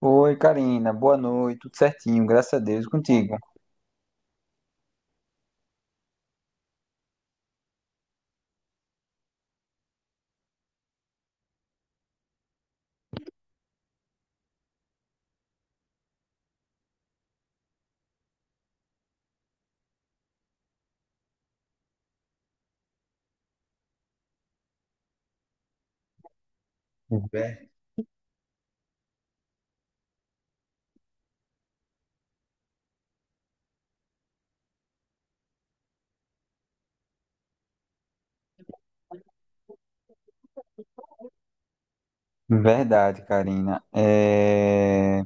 Oi, Karina. Boa noite. Tudo certinho, graças a Deus. E contigo? Ver- Verdade, Karina. É...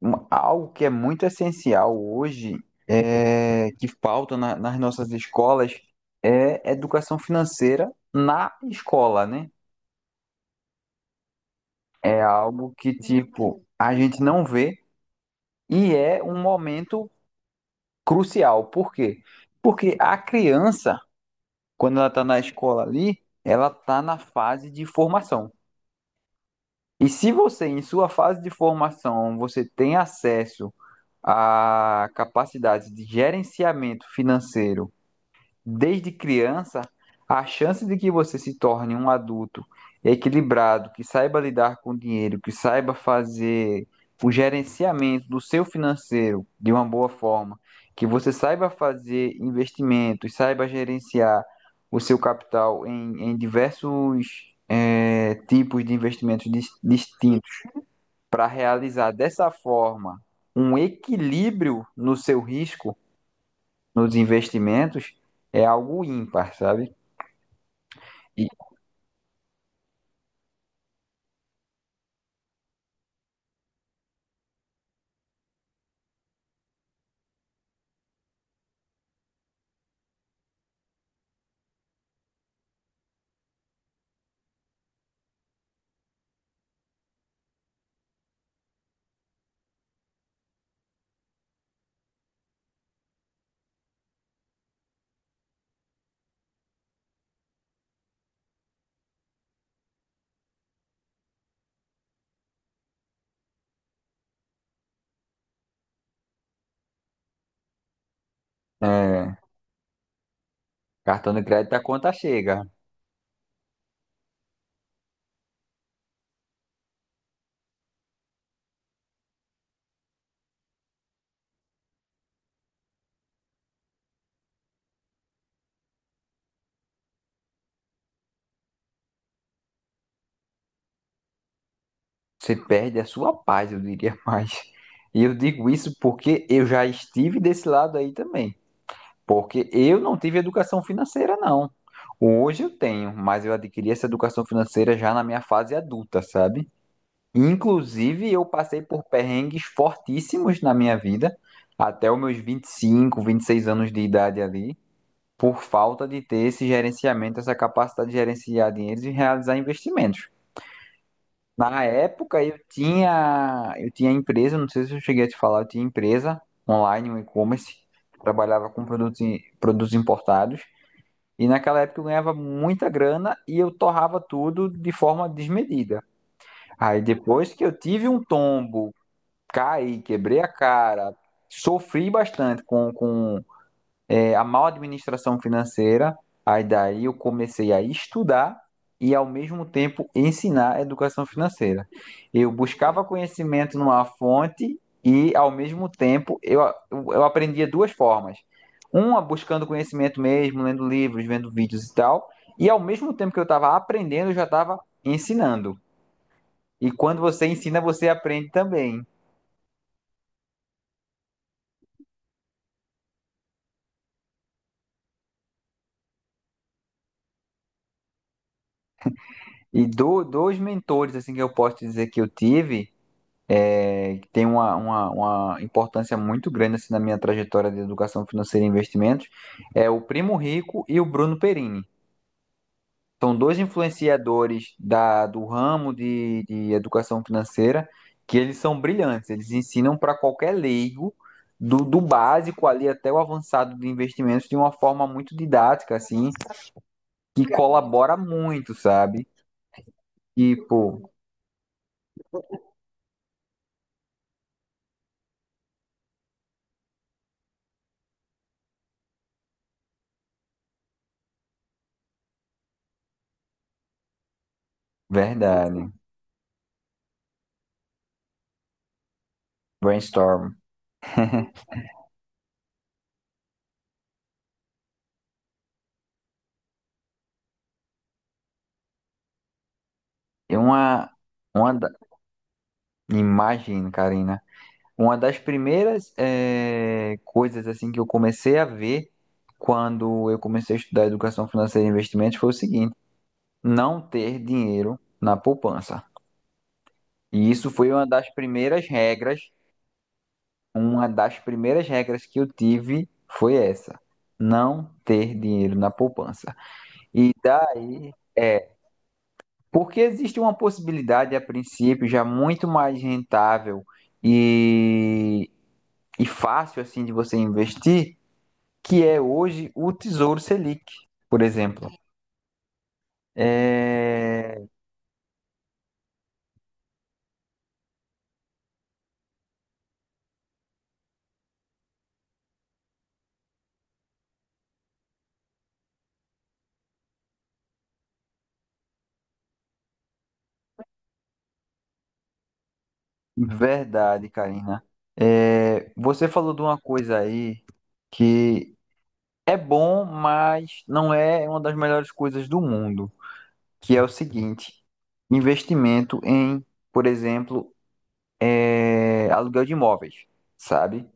um- Algo que é muito essencial hoje, que falta nas nossas escolas, é educação financeira na escola, né? É algo que, tipo, a gente não vê, e é um momento crucial. Por quê? Porque a criança, quando ela está na escola ali, ela está na fase de formação. E se você, em sua fase de formação, você tem acesso a capacidades de gerenciamento financeiro, desde criança, a chance de que você se torne um adulto equilibrado, que saiba lidar com o dinheiro, que saiba fazer o gerenciamento do seu financeiro de uma boa forma, que você saiba fazer investimentos, saiba gerenciar o seu capital em diversos tipos de investimentos distintos, para realizar dessa forma um equilíbrio no seu risco, nos investimentos, é algo ímpar, sabe? E, É, cartão de crédito a conta chega. Você perde a sua paz, eu diria mais. E eu digo isso porque eu já estive desse lado aí também. Porque eu não tive educação financeira, não. Hoje eu tenho, mas eu adquiri essa educação financeira já na minha fase adulta, sabe? Inclusive, eu passei por perrengues fortíssimos na minha vida, até os meus 20, 25, 26 anos de idade ali, por falta de ter esse gerenciamento, essa capacidade de gerenciar dinheiros e realizar investimentos. Na época eu tinha empresa, não sei se eu cheguei a te falar. Eu tinha empresa online, um e-commerce, trabalhava com produtos, produtos importados, e naquela época eu ganhava muita grana e eu torrava tudo de forma desmedida. Aí depois que eu tive um tombo, caí, quebrei a cara, sofri bastante com a má administração financeira. Aí daí eu comecei a estudar e, ao mesmo tempo, ensinar a educação financeira. Eu buscava conhecimento numa fonte e, ao mesmo tempo, eu aprendia duas formas. Uma, buscando conhecimento mesmo, lendo livros, vendo vídeos e tal, e ao mesmo tempo que eu estava aprendendo, eu já estava ensinando. E quando você ensina, você aprende também. E dois mentores assim que eu posso dizer que eu tive, que tem uma importância muito grande assim, na minha trajetória de educação financeira e investimentos, é o Primo Rico e o Bruno Perini. São dois influenciadores do ramo de educação financeira, que eles são brilhantes. Eles ensinam para qualquer leigo, do básico ali até o avançado de investimentos, de uma forma muito didática, assim, que colabora muito, sabe? Tipo, verdade, brainstorm. É uma imagem, Karina. Uma das primeiras coisas assim que eu comecei a ver quando eu comecei a estudar educação financeira e investimentos foi o seguinte: não ter dinheiro na poupança. E isso foi uma das primeiras regras, uma das primeiras regras que eu tive, foi essa: não ter dinheiro na poupança. E daí é porque existe uma possibilidade, a princípio, já muito mais rentável e, e fácil assim de você investir, que é hoje o Tesouro Selic, por exemplo. É verdade, Karina. Você falou de uma coisa aí que é bom, mas não é uma das melhores coisas do mundo, que é o seguinte: investimento em, por exemplo, aluguel de imóveis, sabe?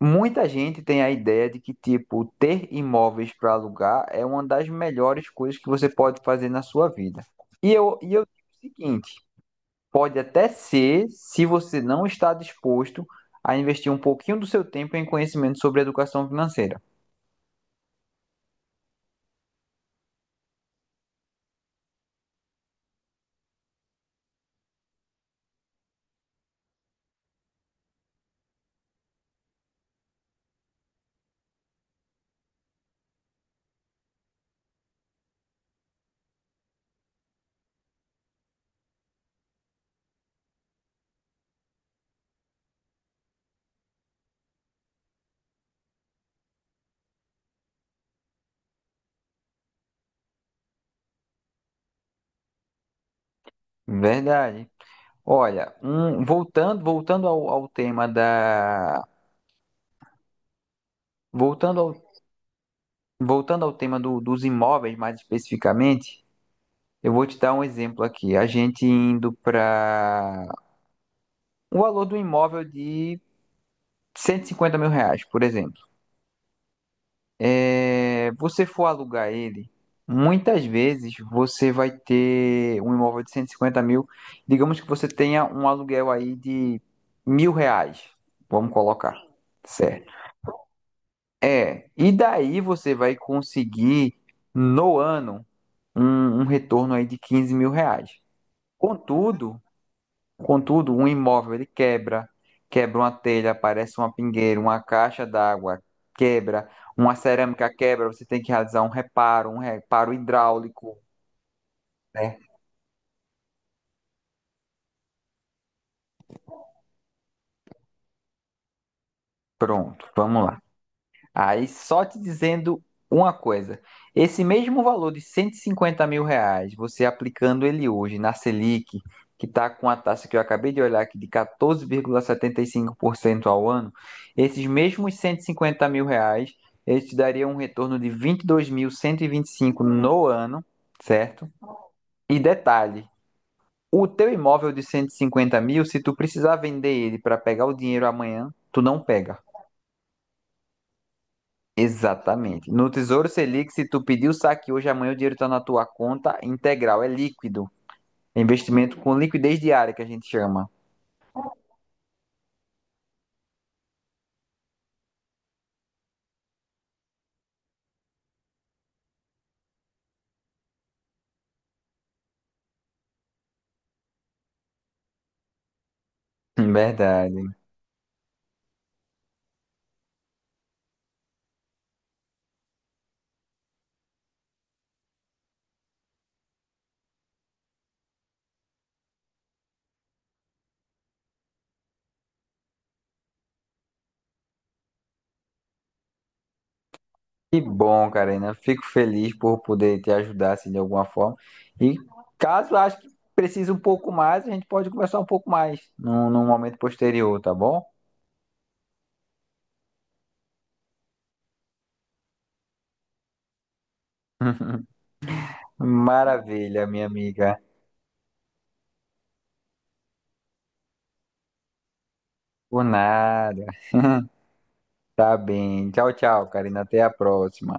Muita gente tem a ideia de que, tipo, ter imóveis para alugar é uma das melhores coisas que você pode fazer na sua vida. E eu digo o seguinte: pode até ser, se você não está disposto a investir um pouquinho do seu tempo em conhecimento sobre educação financeira. Verdade. Olha, voltando ao tema da, voltando ao, voltando ao tema do- dos imóveis, mais especificamente, eu vou te dar um exemplo aqui. A gente indo para o valor do imóvel de 150 mil reais, por exemplo. Você for alugar ele, muitas vezes você vai ter um imóvel de 150 mil. Digamos que você tenha um aluguel aí de 1.000 reais. Vamos colocar. Certo. E daí você vai conseguir, no ano, um retorno aí de 15 mil reais. Contudo, um imóvel ele quebra, quebra uma telha, aparece uma pingueira, uma caixa d'água quebra, uma cerâmica quebra, você tem que realizar um reparo hidráulico, né? Pronto, vamos lá. Aí só te dizendo uma coisa: esse mesmo valor de 150 mil reais, você aplicando ele hoje na Selic, que está com a taxa que eu acabei de olhar aqui de 14,75% ao ano, esses mesmos 150 mil reais, eles te dariam um retorno de 22.125 no ano, certo? E detalhe, o teu imóvel de 150 mil, se tu precisar vender ele para pegar o dinheiro amanhã, tu não pega. Exatamente. No Tesouro Selic, se tu pedir o saque hoje, amanhã o dinheiro está na tua conta, integral, é líquido. É investimento com liquidez diária, que a gente chama. Verdade. Que bom, Karina. Fico feliz por poder te ajudar assim, de alguma forma. E, caso ache que precise um pouco mais, a gente pode conversar um pouco mais num momento posterior, tá bom? Maravilha, minha amiga. Por nada. Tá bem. Tchau, tchau, Karina. Até a próxima.